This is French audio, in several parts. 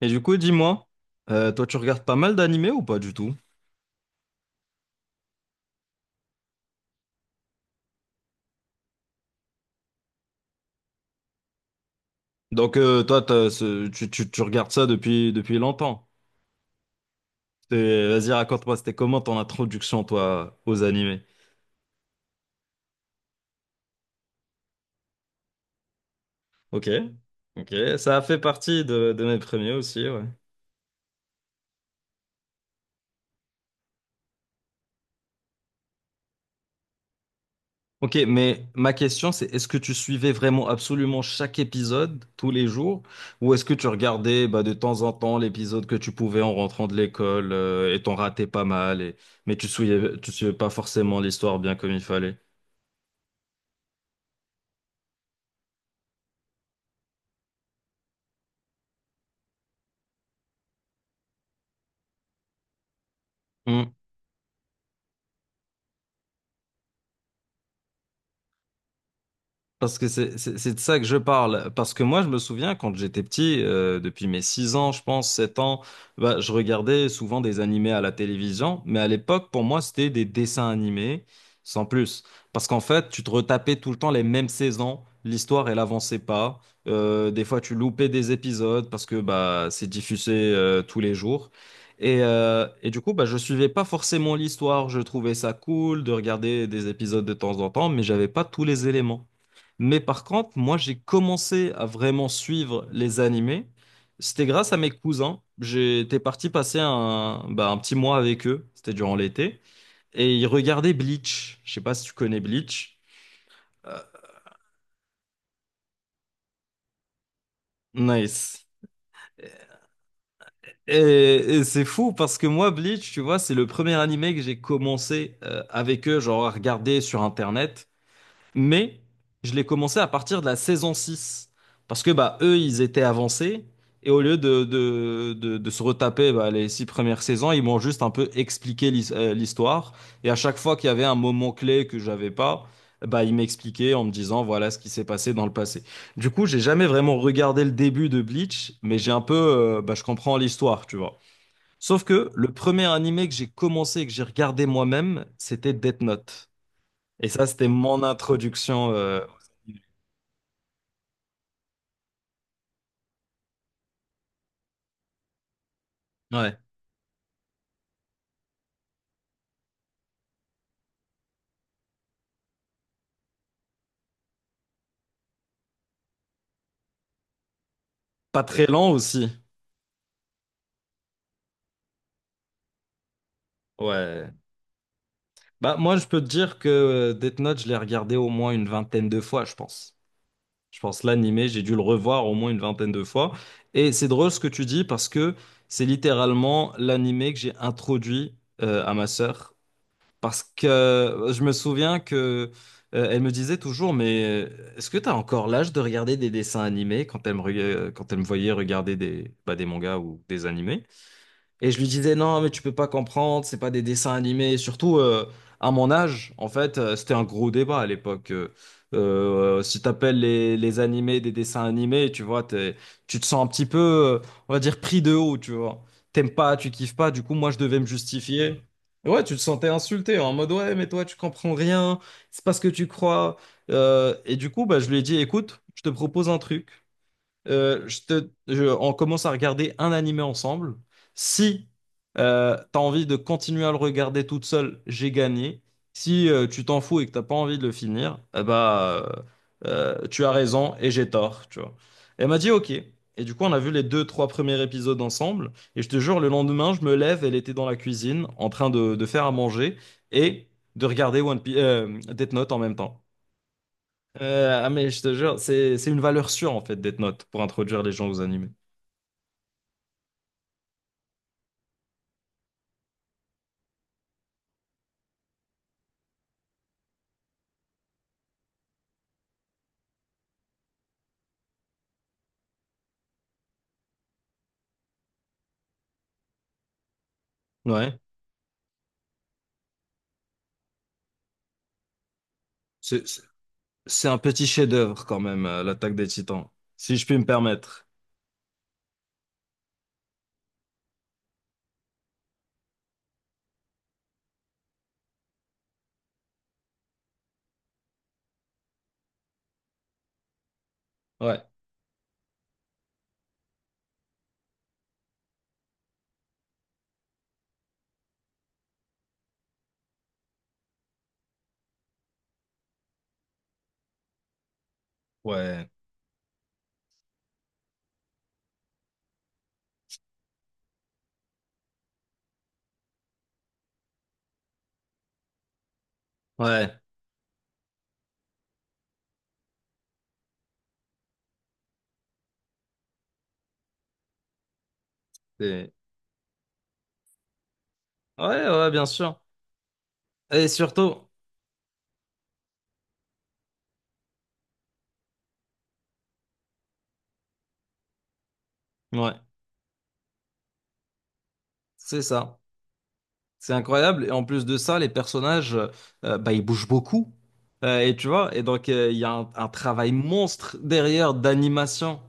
Et du coup, dis-moi, toi, tu regardes pas mal d'animés ou pas du tout? Donc, toi, t'as tu regardes ça depuis longtemps. Vas-y, raconte-moi, c'était comment ton introduction, toi, aux animés? Ok, ok, ça a fait partie de mes premiers aussi, ouais. Ok, mais ma question, c'est est-ce que tu suivais vraiment absolument chaque épisode tous les jours? Ou est-ce que tu regardais bah, de temps en temps l'épisode que tu pouvais en rentrant de l'école et t'en ratais pas mal, et. Mais tu suivais pas forcément l'histoire bien comme il fallait? Hmm. Parce que c'est de ça que je parle. Parce que moi, je me souviens quand j'étais petit, depuis mes 6 ans, je pense, 7 ans, bah, je regardais souvent des animés à la télévision. Mais à l'époque, pour moi, c'était des dessins animés, sans plus. Parce qu'en fait, tu te retapais tout le temps les mêmes saisons. L'histoire, elle avançait pas. Des fois, tu loupais des épisodes parce que bah, c'est diffusé tous les jours. Et du coup, bah, je suivais pas forcément l'histoire. Je trouvais ça cool de regarder des épisodes de temps en temps, mais j'avais pas tous les éléments. Mais par contre, moi, j'ai commencé à vraiment suivre les animés. C'était grâce à mes cousins. J'étais parti passer bah, un petit mois avec eux. C'était durant l'été. Et ils regardaient Bleach. Je sais pas si tu connais Bleach. Euh, Nice. Et c'est fou parce que moi, Bleach, tu vois, c'est le premier animé que j'ai commencé avec eux, genre à regarder sur Internet. Mais je l'ai commencé à partir de la saison six. Parce que bah, eux, ils étaient avancés. Et au lieu de se retaper bah, les six premières saisons, ils m'ont juste un peu expliqué l'histoire. Et à chaque fois qu'il y avait un moment clé que j'avais pas, bah, ils m'expliquaient en me disant voilà ce qui s'est passé dans le passé. Du coup, j'ai jamais vraiment regardé le début de Bleach, mais j'ai un peu, bah, je comprends l'histoire, tu vois. Sauf que le premier animé que j'ai commencé et que j'ai regardé moi-même, c'était Death Note. Et ça, c'était mon introduction. Ouais. Pas très lent aussi. Ouais. Bah, moi, je peux te dire que Death Note, je l'ai regardé au moins une vingtaine de fois, je pense. Je pense l'animé, j'ai dû le revoir au moins une vingtaine de fois. Et c'est drôle ce que tu dis parce que c'est littéralement l'animé que j'ai introduit à ma sœur. Parce que je me souviens que elle me disait toujours, mais est-ce que tu as encore l'âge de regarder des dessins animés quand quand elle me voyait regarder bah, des mangas ou des animés? Et je lui disais, non, mais tu peux pas comprendre, c'est pas des dessins animés. Et surtout, à mon âge, en fait, c'était un gros débat à l'époque. Si t'appelles les animés des dessins animés, tu vois, tu te sens un petit peu, on va dire, pris de haut, tu vois. T'aimes pas, tu kiffes pas, du coup, moi, je devais me justifier. Et ouais, tu te sentais insulté, en mode, ouais, mais toi, tu comprends rien, c'est pas ce que tu crois. Et du coup, bah, je lui ai dit, écoute, je te propose un truc, on commence à regarder un animé ensemble. Si tu as envie de continuer à le regarder toute seule, j'ai gagné. Si tu t'en fous et que t'as pas envie de le finir, eh bah, tu as raison et j'ai tort, tu vois. Elle m'a dit OK. Et du coup, on a vu les deux, trois premiers épisodes ensemble. Et je te jure, le lendemain, je me lève, elle était dans la cuisine en train de faire à manger et de regarder One Piece, Death Note en même temps. Ah mais je te jure, c'est une valeur sûre en fait Death Note pour introduire les gens aux animés. Ouais. C'est c'est- c'est un petit chef-d'œuvre quand même, l'Attaque des Titans, si je puis me permettre. Ouais, ouais, ouais, c'est- ouais, ouais, bien sûr. Et surtout, ouais, c'est ça. C'est incroyable. Et en plus de ça, les personnages, bah, ils bougent beaucoup. Et tu vois, et donc, il y a un travail monstre derrière d'animation.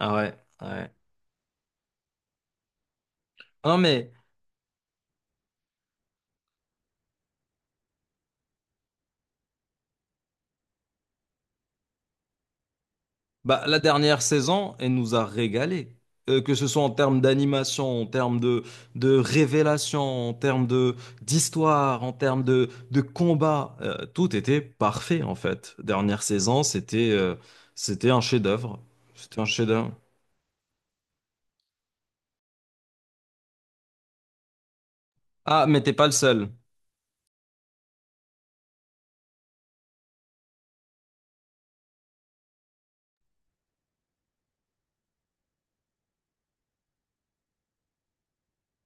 Ah ouais, ouais. Non, mais bah, la dernière saison, elle nous a régalé. Que ce soit en termes d'animation, en termes de révélation, en termes d'histoire, en termes de combat. Tout était parfait, en fait. Dernière saison, c'était un chef-d'œuvre. C'était un chef-d'œuvre. Ah, mais t'es pas le seul.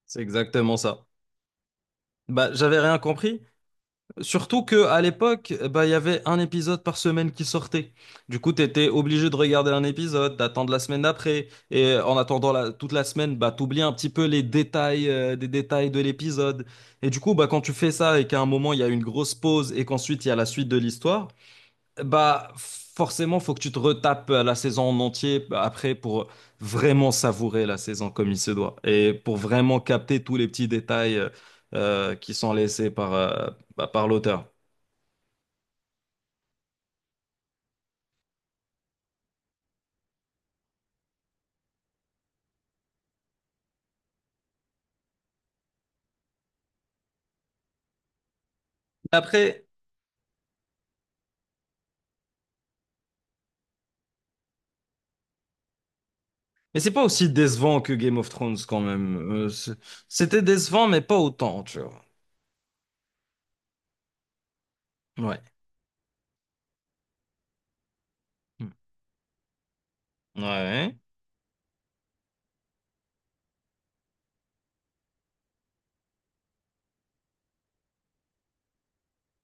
C'est exactement ça. Bah, j'avais rien compris. Surtout que à l'époque, bah, il y avait un épisode par semaine qui sortait. Du coup, t'étais obligé de regarder un épisode, d'attendre la semaine d'après. En attendant toute la semaine, bah, t'oublies un petit peu les détails, des détails de l'épisode. Et du coup, bah, quand tu fais ça et qu'à un moment, il y a une grosse pause et qu'ensuite, il y a la suite de l'histoire, bah, forcément, faut que tu te retapes la saison en entier après pour vraiment savourer la saison comme il se doit et pour vraiment capter tous les petits détails qui sont laissés par, bah, par l'auteur. Après, mais c'est pas aussi décevant que Game of Thrones quand même. C'était décevant, mais pas autant, tu vois. Ouais. Hmm. Ouais.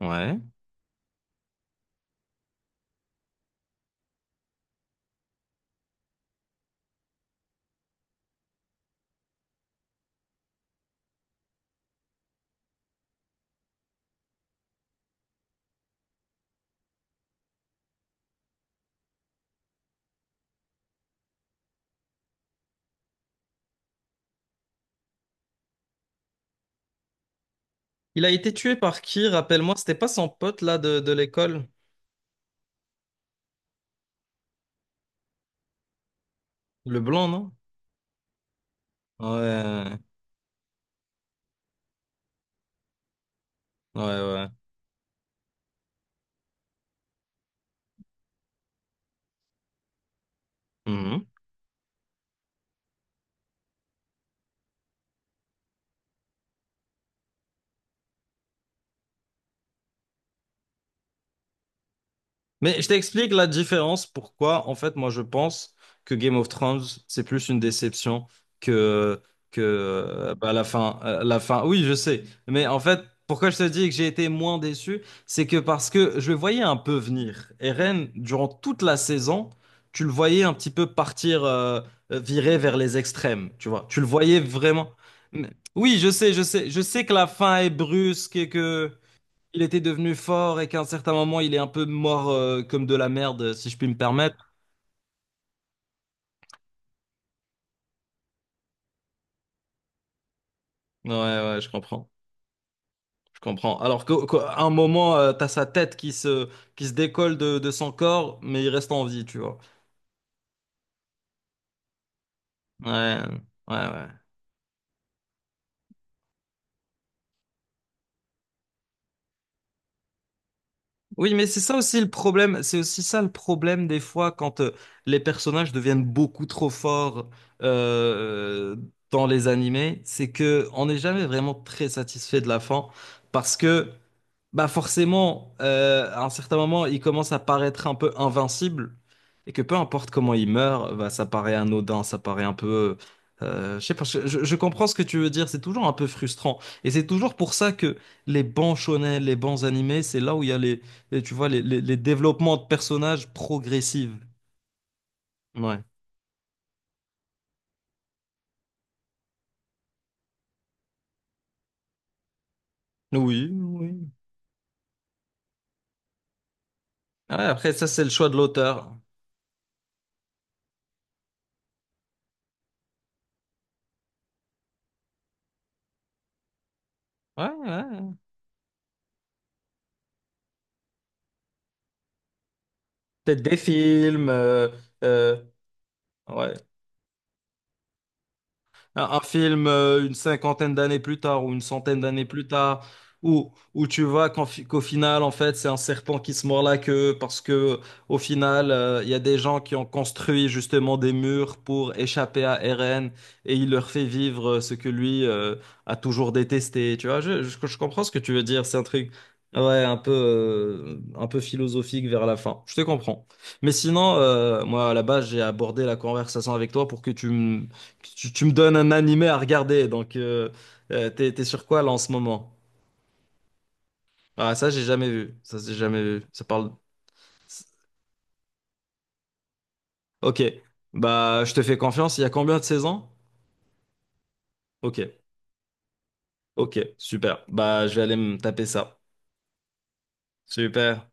Ouais. Il a été tué par qui, rappelle-moi? C'était pas son pote là de l'école? Le blanc, non? Ouais, ouais, ouais. Mhm. Mais je t'explique la différence, pourquoi en fait moi je pense que Game of Thrones c'est plus une déception que, que bah, la fin, la fin. Oui, je sais, mais en fait pourquoi je te dis que j'ai été moins déçu, c'est que parce que je le voyais un peu venir. Eren, durant toute la saison, tu le voyais un petit peu partir, virer vers les extrêmes, tu vois. Tu le voyais vraiment. Mais- Oui, je sais, je sais, je sais que la fin est brusque et que il était devenu fort et qu'à un certain moment, il est un peu mort comme de la merde, si je puis me permettre. Ouais, ouais, je comprends. Je comprends. Qu'à un moment, t'as sa tête qui se décolle de son corps, mais il reste en vie, tu vois. Ouais, ouais, ouais. Oui, mais c'est ça aussi le problème. C'est aussi ça le problème des fois quand les personnages deviennent beaucoup trop forts euh, dans les animés, c'est que on n'est jamais vraiment très satisfait de la fin parce que bah forcément, à un certain moment, il commence à paraître un peu invincible et que peu importe comment il meurt, bah, ça paraît anodin, ça paraît un peu. Je sais pas, je comprends ce que tu veux dire, c'est toujours un peu frustrant. Et c'est toujours pour ça que les bons shonen, les bons animés, c'est là où il y a tu vois, les développements de personnages progressifs. Ouais. Oui, oui. Ouais, après, ça, c'est le choix de l'auteur. Ouais, ouais. Peut-être des films. Euh, ouais. Un film une cinquantaine d'années plus tard ou une centaine d'années plus tard, où tu vois qu'au final, en fait, c'est un serpent qui se mord la queue parce que au final, il y a des gens qui ont construit justement des murs pour échapper à Eren et il leur fait vivre ce que lui a toujours détesté. Tu vois, je comprends ce que tu veux dire. C'est un truc. Ouais, un peu philosophique vers la fin. Je te comprends. Mais sinon, moi, à la base, j'ai abordé la conversation avec toi pour que tu me donnes un animé à regarder, donc t'es sur quoi là en ce moment? Ah ça j'ai jamais vu, ça j'ai jamais vu. Ok, bah je te fais confiance, il y a combien de saisons? Ok, ok, super, bah je vais aller me taper ça. Super.